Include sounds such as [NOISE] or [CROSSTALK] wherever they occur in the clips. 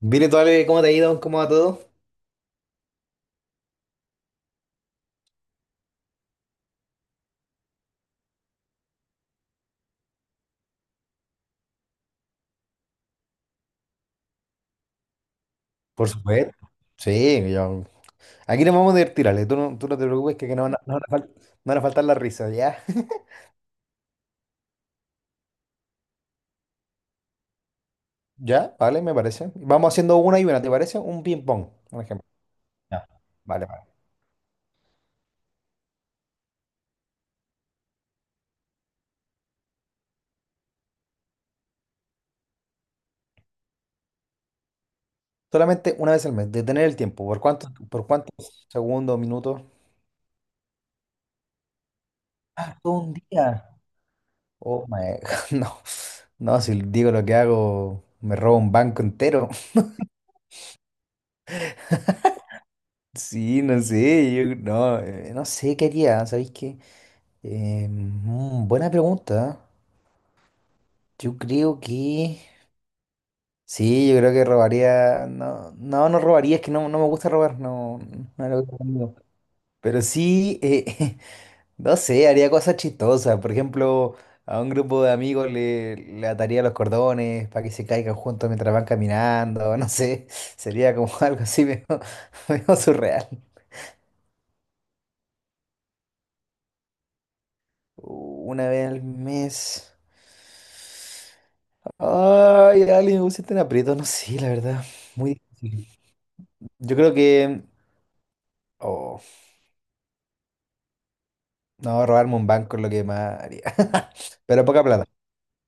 Vire, Ale, ¿cómo te ha ido? ¿Cómo va todo? Por supuesto. Sí, yo- Aquí nos vamos a divertir, Ale. Tú no te preocupes que no, no no van a faltar las risas, ¿ya? [LAUGHS] Ya, vale, me parece. Vamos haciendo una y una, ¿te parece? Un ping-pong, un ejemplo. Ya. Vale, vale. Solamente una vez al mes, detener el tiempo. ¿Por cuántos segundos, minutos? Todo un día. Oh my [LAUGHS] God, no. No, si digo lo que hago, me robo un banco entero. [LAUGHS] Sí, no sé, yo no, no sé qué haría, ¿sabéis qué? Buena pregunta, ¿eh? Yo creo que... Sí, yo creo que robaría... no robaría, es que no me gusta robar, no, no es lo que tengo. Pero sí, [LAUGHS] no sé, haría cosas chistosas. Por ejemplo, a un grupo de amigos le ataría los cordones para que se caigan juntos mientras van caminando, [LAUGHS] no sé. Sería como [LAUGHS] algo así medio, medio surreal. Una vez al mes... Ay, alguien me pusiste en aprieto, no sé, la verdad. Muy difícil. Yo creo que. Oh, no, robarme un banco es lo que más haría. [LAUGHS] Pero poca plata,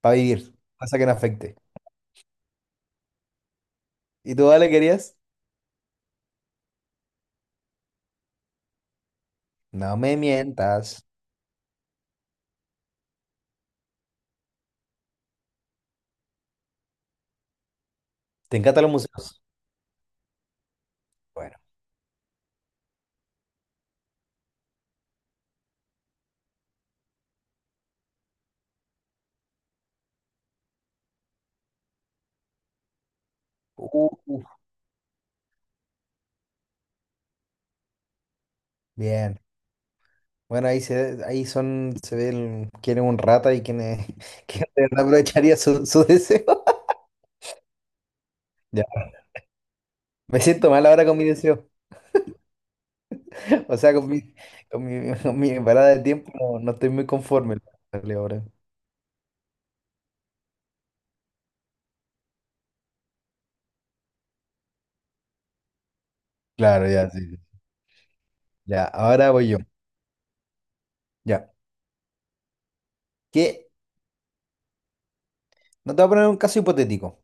para vivir, cosa que no afecte. ¿Y tú, Ale, querías? No me mientas. ¿Te encantan los museos? Bueno. Uh, uh, bien. Bueno, ahí son, se ve quién es un rata y quién es, [LAUGHS] quién de verdad aprovecharía su deseo. [LAUGHS] Ya. Me siento mal ahora con mi deseo. O sea, [LAUGHS] con mi parada de tiempo no, no estoy muy conforme, la verdad, ahora. Claro, ya, sí, sí. Ya, ahora voy yo. Ya. ¿Qué? No te voy a poner un caso hipotético.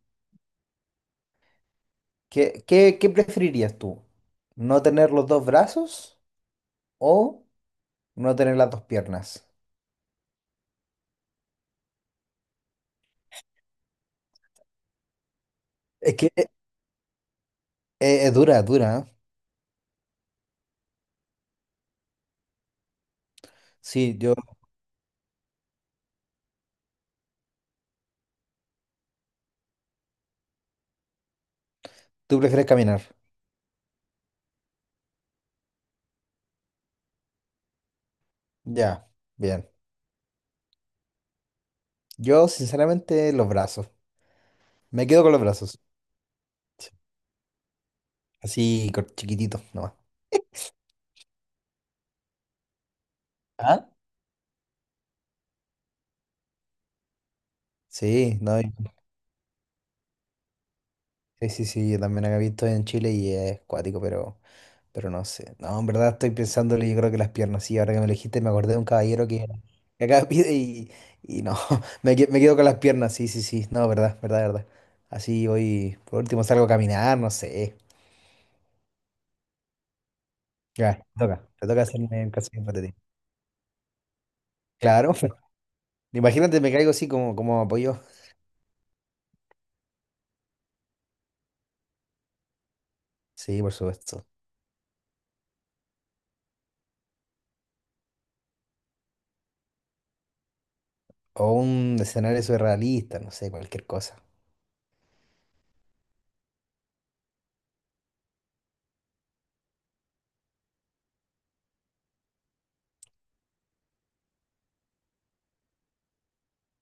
¿Qué preferirías tú? ¿No tener los dos brazos o no tener las dos piernas? Es que es, dura, es dura, ¿eh? Sí, yo, tú prefieres caminar. Ya, bien. Yo, sinceramente, los brazos. Me quedo con los brazos. Sí. Así, chiquitito, nomás. ¿Ah? Sí, no, sí, sí, sí, yo también había visto en Chile y es cuático, pero no sé. No, en verdad estoy pensándole, yo creo que las piernas, sí, ahora que me elegiste me acordé de un caballero que acá [LAUGHS] pide y no, [LAUGHS] me quedo con las piernas, sí, sí, sí, no, verdad, verdad, verdad. Así voy, por último salgo a caminar, no sé. Ya, te toca hacerme un caso hipotético. Claro, [LAUGHS] imagínate, me caigo así como, como apoyo. Sí, por supuesto. O un escenario surrealista, no sé, cualquier cosa.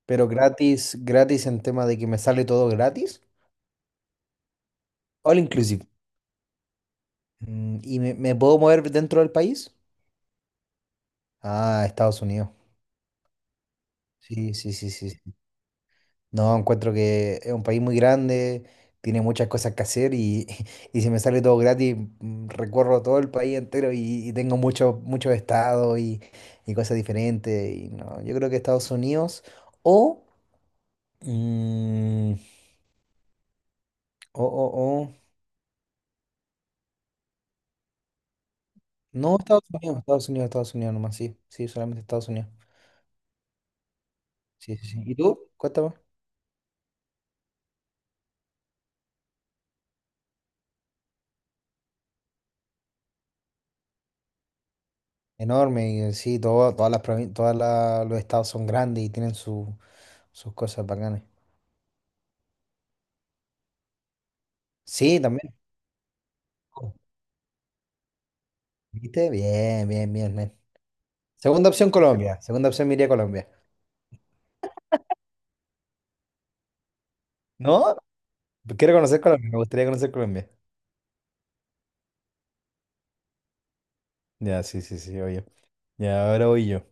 Pero gratis, gratis en tema de que me sale todo gratis. All inclusive. Mm, ¿y me puedo mover dentro del país? Ah, Estados Unidos. Sí, sí, sí, sí, sí. No, encuentro que es un país muy grande, tiene muchas cosas que hacer y, [LAUGHS] y si me sale todo gratis, mm, recorro todo el país entero y tengo muchos muchos estados y cosas diferentes. Y no, yo creo que Estados Unidos o, mm, o, o, o- no, Estados Unidos, Estados Unidos, Estados Unidos nomás, sí, sí, solamente Estados Unidos. Sí, sí, sí. ¿Y tú? Cuéntame. Enorme, y sí, todas todas los estados son grandes y tienen sus cosas bacanas. Sí, también. Oh, ¿viste? Bien, bien, bien, bien. Segunda opción, Colombia. Segunda opción, me iría a Colombia. ¿No? Quiero conocer Colombia, me gustaría conocer Colombia. Ya, sí, sí, sí, oye. Ya, ahora voy yo.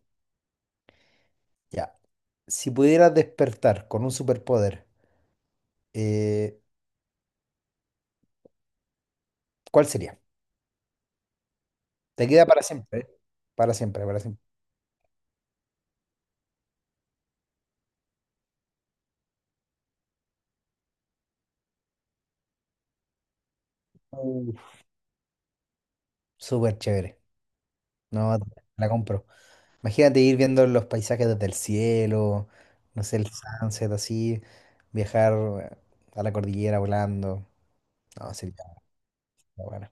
Ya. Si pudieras despertar con un superpoder, eh, ¿cuál sería? Te queda para siempre, ¿eh? Para siempre, para siempre. Uh, súper chévere. No, la compro. Imagínate ir viendo los paisajes desde el cielo, no sé, el sunset así, viajar eh, a la cordillera volando. No, sería bueno,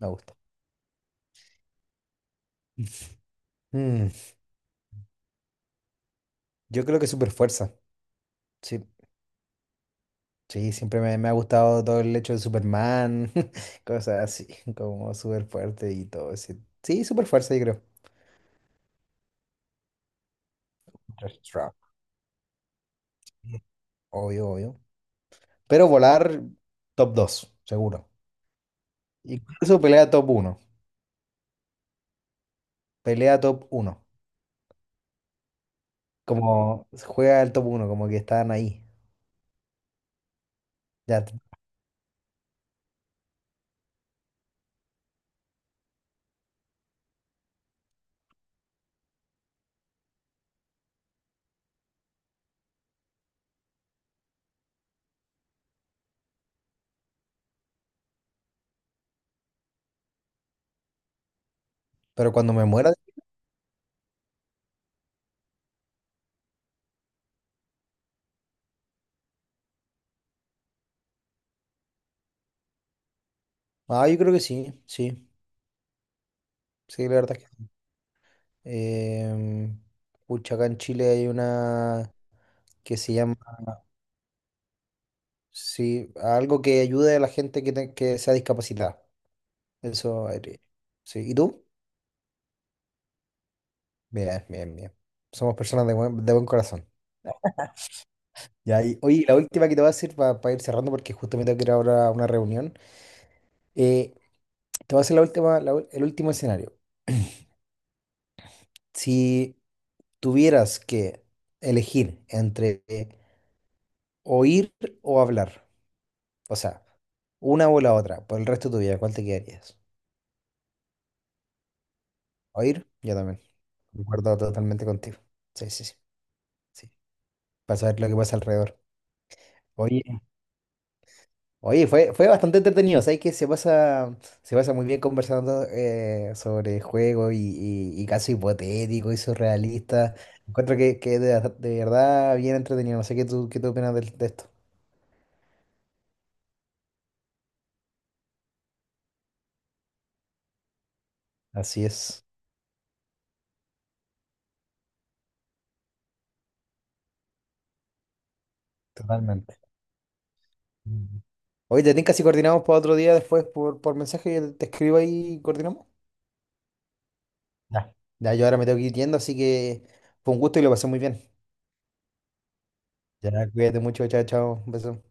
me gusta. [LAUGHS] Mm, yo creo que super fuerza. Sí, sí, siempre me ha gustado todo el hecho de Superman, [LAUGHS] cosas así, como super fuerte y todo ese. Sí, super fuerza, yo creo. Strong. Obvio, obvio. Pero volar top 2, seguro. Incluso pelea top uno, pelea top uno. Como juega el top uno como que están ahí. Ya, t- pero cuando me muera. Ah, yo creo que sí, sí. Sí, la verdad es que sí. Em, pucha, acá en Chile hay una que se llama. Sí, algo que ayude a la gente que sea discapacitada. Eso haré. Sí. ¿Y tú? Bien, bien, bien. Somos personas de buen corazón. Ya, y, oye, la última que te voy a hacer para ir cerrando, porque justo me tengo que ir ahora a una reunión. Eh, te voy a hacer la última, el último escenario. Si tuvieras que elegir entre oír o hablar, o sea, una o la otra, por el resto de tu vida, ¿cuál te quedarías? ¿Oír? Yo también. Concuerdo totalmente contigo. Sí, sí, sí, sí. Para saber lo que pasa alrededor. Oye, oye, fue bastante entretenido. Sabes que se pasa muy bien conversando sobre juegos y casos hipotéticos y surrealistas. Encuentro que de verdad bien entretenido. No sé qué tú opinas de esto. Así es. Totalmente. Oye, te tinca si coordinamos para otro día después por mensaje, te escribo ahí y coordinamos. Ya, ya, yo ahora me tengo que ir yendo, así que fue un gusto y lo pasé muy bien. Ya, cuídate mucho, chao, chao, un beso.